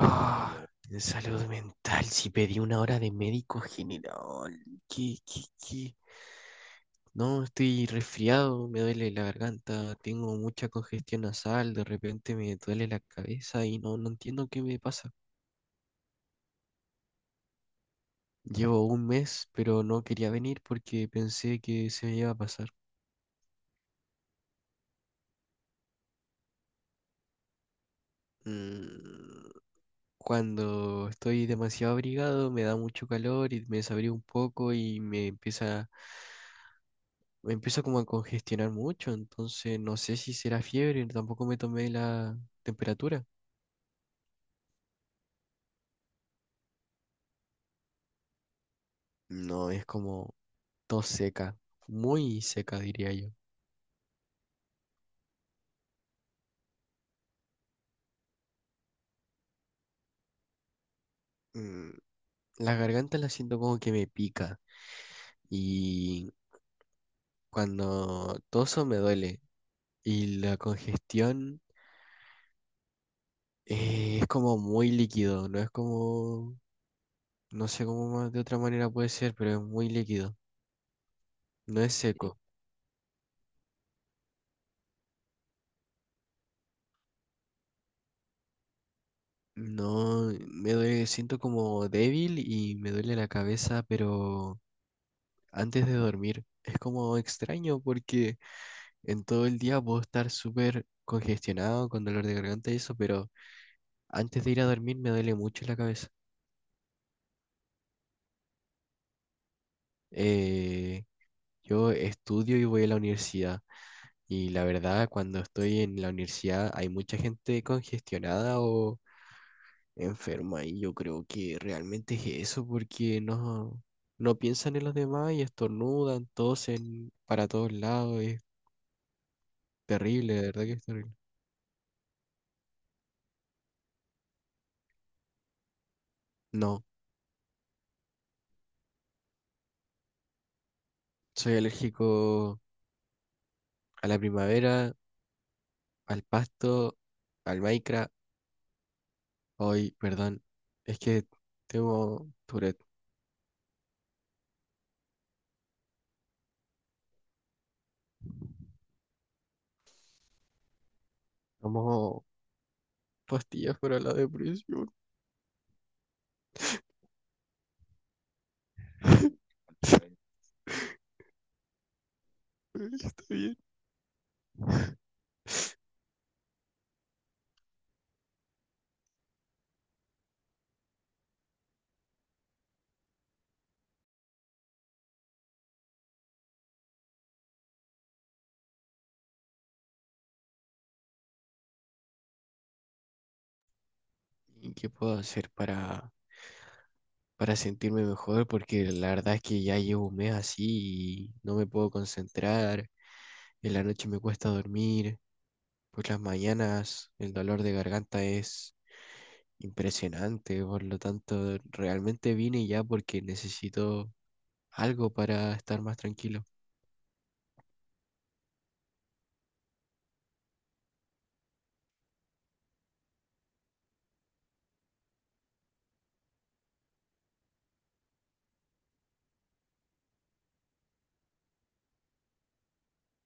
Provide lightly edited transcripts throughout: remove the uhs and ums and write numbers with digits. Ah, en salud mental, si pedí una hora de médico general. ¿Qué? No, estoy resfriado, me duele la garganta, tengo mucha congestión nasal, de repente me duele la cabeza y no entiendo qué me pasa. Llevo un mes, pero no quería venir porque pensé que se me iba a pasar. Mm, Cuando estoy demasiado abrigado, me da mucho calor y me desabrigo un poco y me empiezo como a congestionar mucho, entonces no sé si será fiebre, tampoco me tomé la temperatura. No, es como tos seca, muy seca diría yo. Mm, La garganta la siento como que me pica y cuando toso me duele y la congestión es como muy líquido, no es como, no sé cómo más de otra manera puede ser, pero es muy líquido, no es seco. No, me duele, siento como débil y me duele la cabeza, pero antes de dormir es como extraño porque en todo el día puedo estar súper congestionado con dolor de garganta y eso, pero antes de ir a dormir me duele mucho la cabeza. Eh, yo estudio y voy a la universidad y la verdad cuando estoy en la universidad hay mucha gente congestionada o enferma y yo creo que realmente es eso porque no piensan en los demás y estornudan, tosen para todos lados, es terrible, de verdad que es terrible. No, soy alérgico a la primavera, al pasto, al Minecraft. Hoy, perdón, es que tengo Tourette, tomo pastillas para la depresión. Está bien. ¿Y qué puedo hacer para sentirme mejor? Porque la verdad es que ya llevo un mes así y no me puedo concentrar, en la noche me cuesta dormir, por las mañanas el dolor de garganta es impresionante, por lo tanto realmente vine ya porque necesito algo para estar más tranquilo.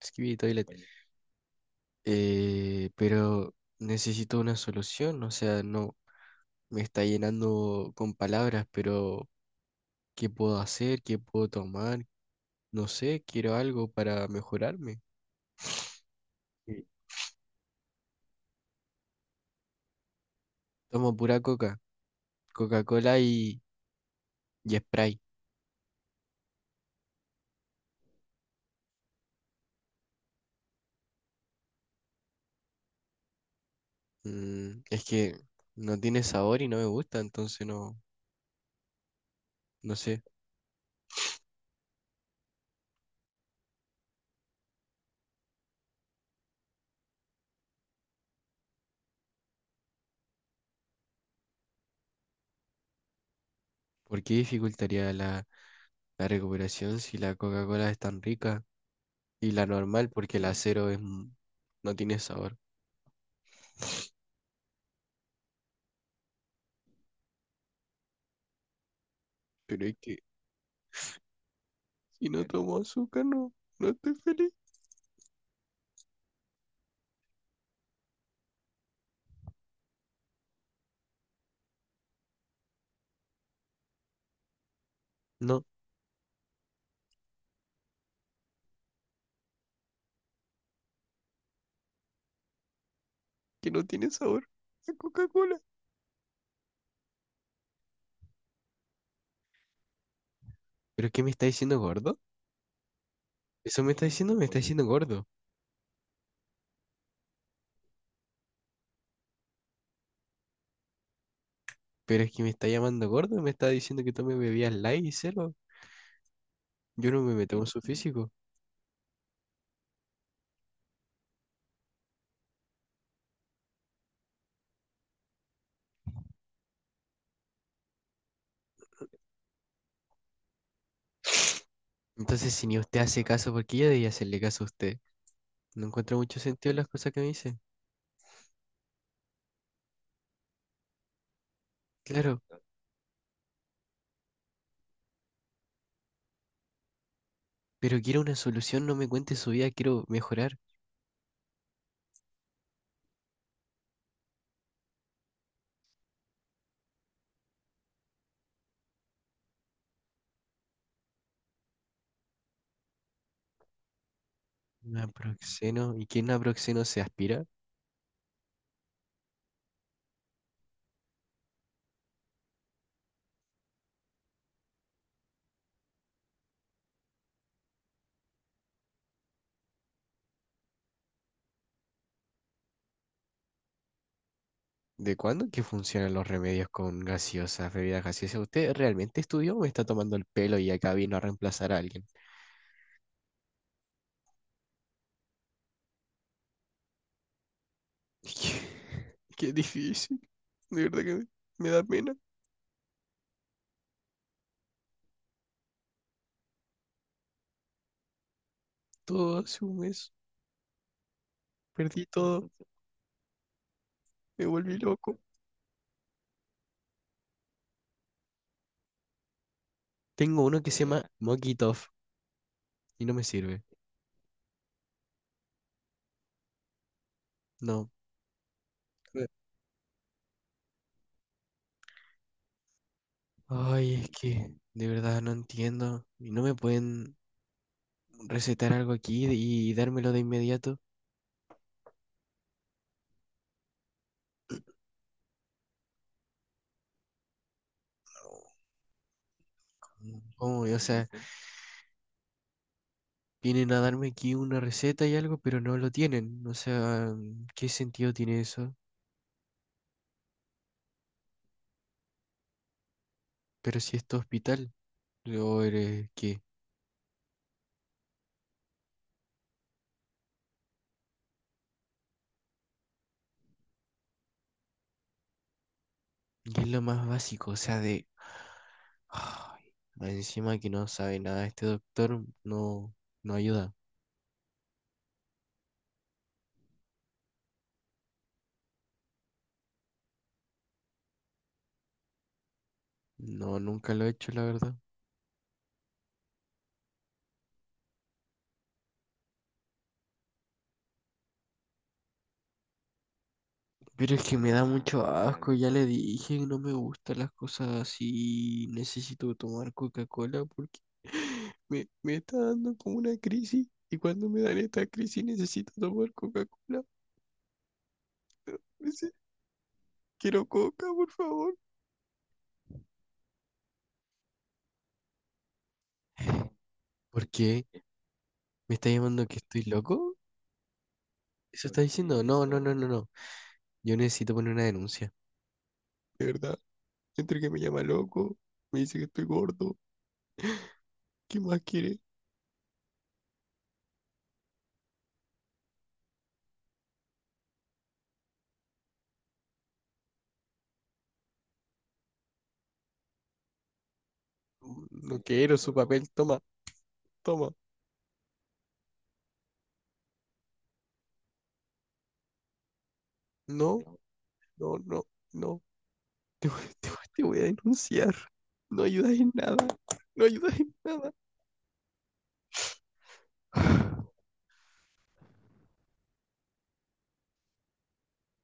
Skibidi toilet. Pero necesito una solución, o sea, no me está llenando con palabras, pero ¿qué puedo hacer? ¿Qué puedo tomar? No sé, quiero algo para mejorarme. Sí. Tomo pura coca, Coca-Cola y Sprite. Es que no tiene sabor y no me gusta, entonces no, no sé por qué dificultaría la, la recuperación si la Coca-Cola es tan rica y la normal, porque la cero es, no tiene sabor. Pero es que si no tomo azúcar no, no estoy feliz. No, que no tiene sabor la Coca-Cola. ¿Pero qué me está diciendo, gordo? Eso me está diciendo gordo. Pero es que me está llamando gordo y me está diciendo que tome bebidas light y cero. Yo no me meto con su físico. Entonces, si ni usted hace caso, ¿por qué yo debía hacerle caso a usted? No encuentro mucho sentido en las cosas que me dice. Claro, pero quiero una solución, no me cuente su vida, quiero mejorar. Naproxeno. ¿Y qué naproxeno se aspira? ¿De cuándo que funcionan los remedios con gaseosas, bebidas gaseosas? ¿Usted realmente estudió o me está tomando el pelo y acá vino a reemplazar a alguien? Qué qué difícil. De verdad que me da pena. Todo hace un mes. Perdí todo. Me volví loco. Tengo uno que se llama Mokitov y no me sirve. No. Eh, ay, es que de verdad no entiendo. ¿Y no me pueden recetar algo aquí y dármelo de inmediato? ¿Cómo? O sea, vienen a darme aquí una receta y algo, pero no lo tienen. O sea, ¿qué sentido tiene eso? Pero si esto es hospital, o eres qué. Y es lo más básico, o sea, de... Ay, más encima que no sabe nada este doctor, no, no ayuda. No, nunca lo he hecho, la verdad. Pero es que me da mucho asco, ya le dije, no me gustan las cosas así. Necesito tomar Coca-Cola porque me está dando como una crisis. Y cuando me dan esta crisis necesito tomar Coca-Cola. Dice, quiero Coca, por favor. ¿Por qué? ¿Me está llamando que estoy loco? ¿Eso está diciendo? No, no, no, no, no. Yo necesito poner una denuncia. De verdad, entre que me llama loco, me dice que estoy gordo. ¿Qué más quiere? No, quiero su papel, toma, toma. No. No, no, no. Te voy a denunciar. No ayudas en nada. No ayudas en nada.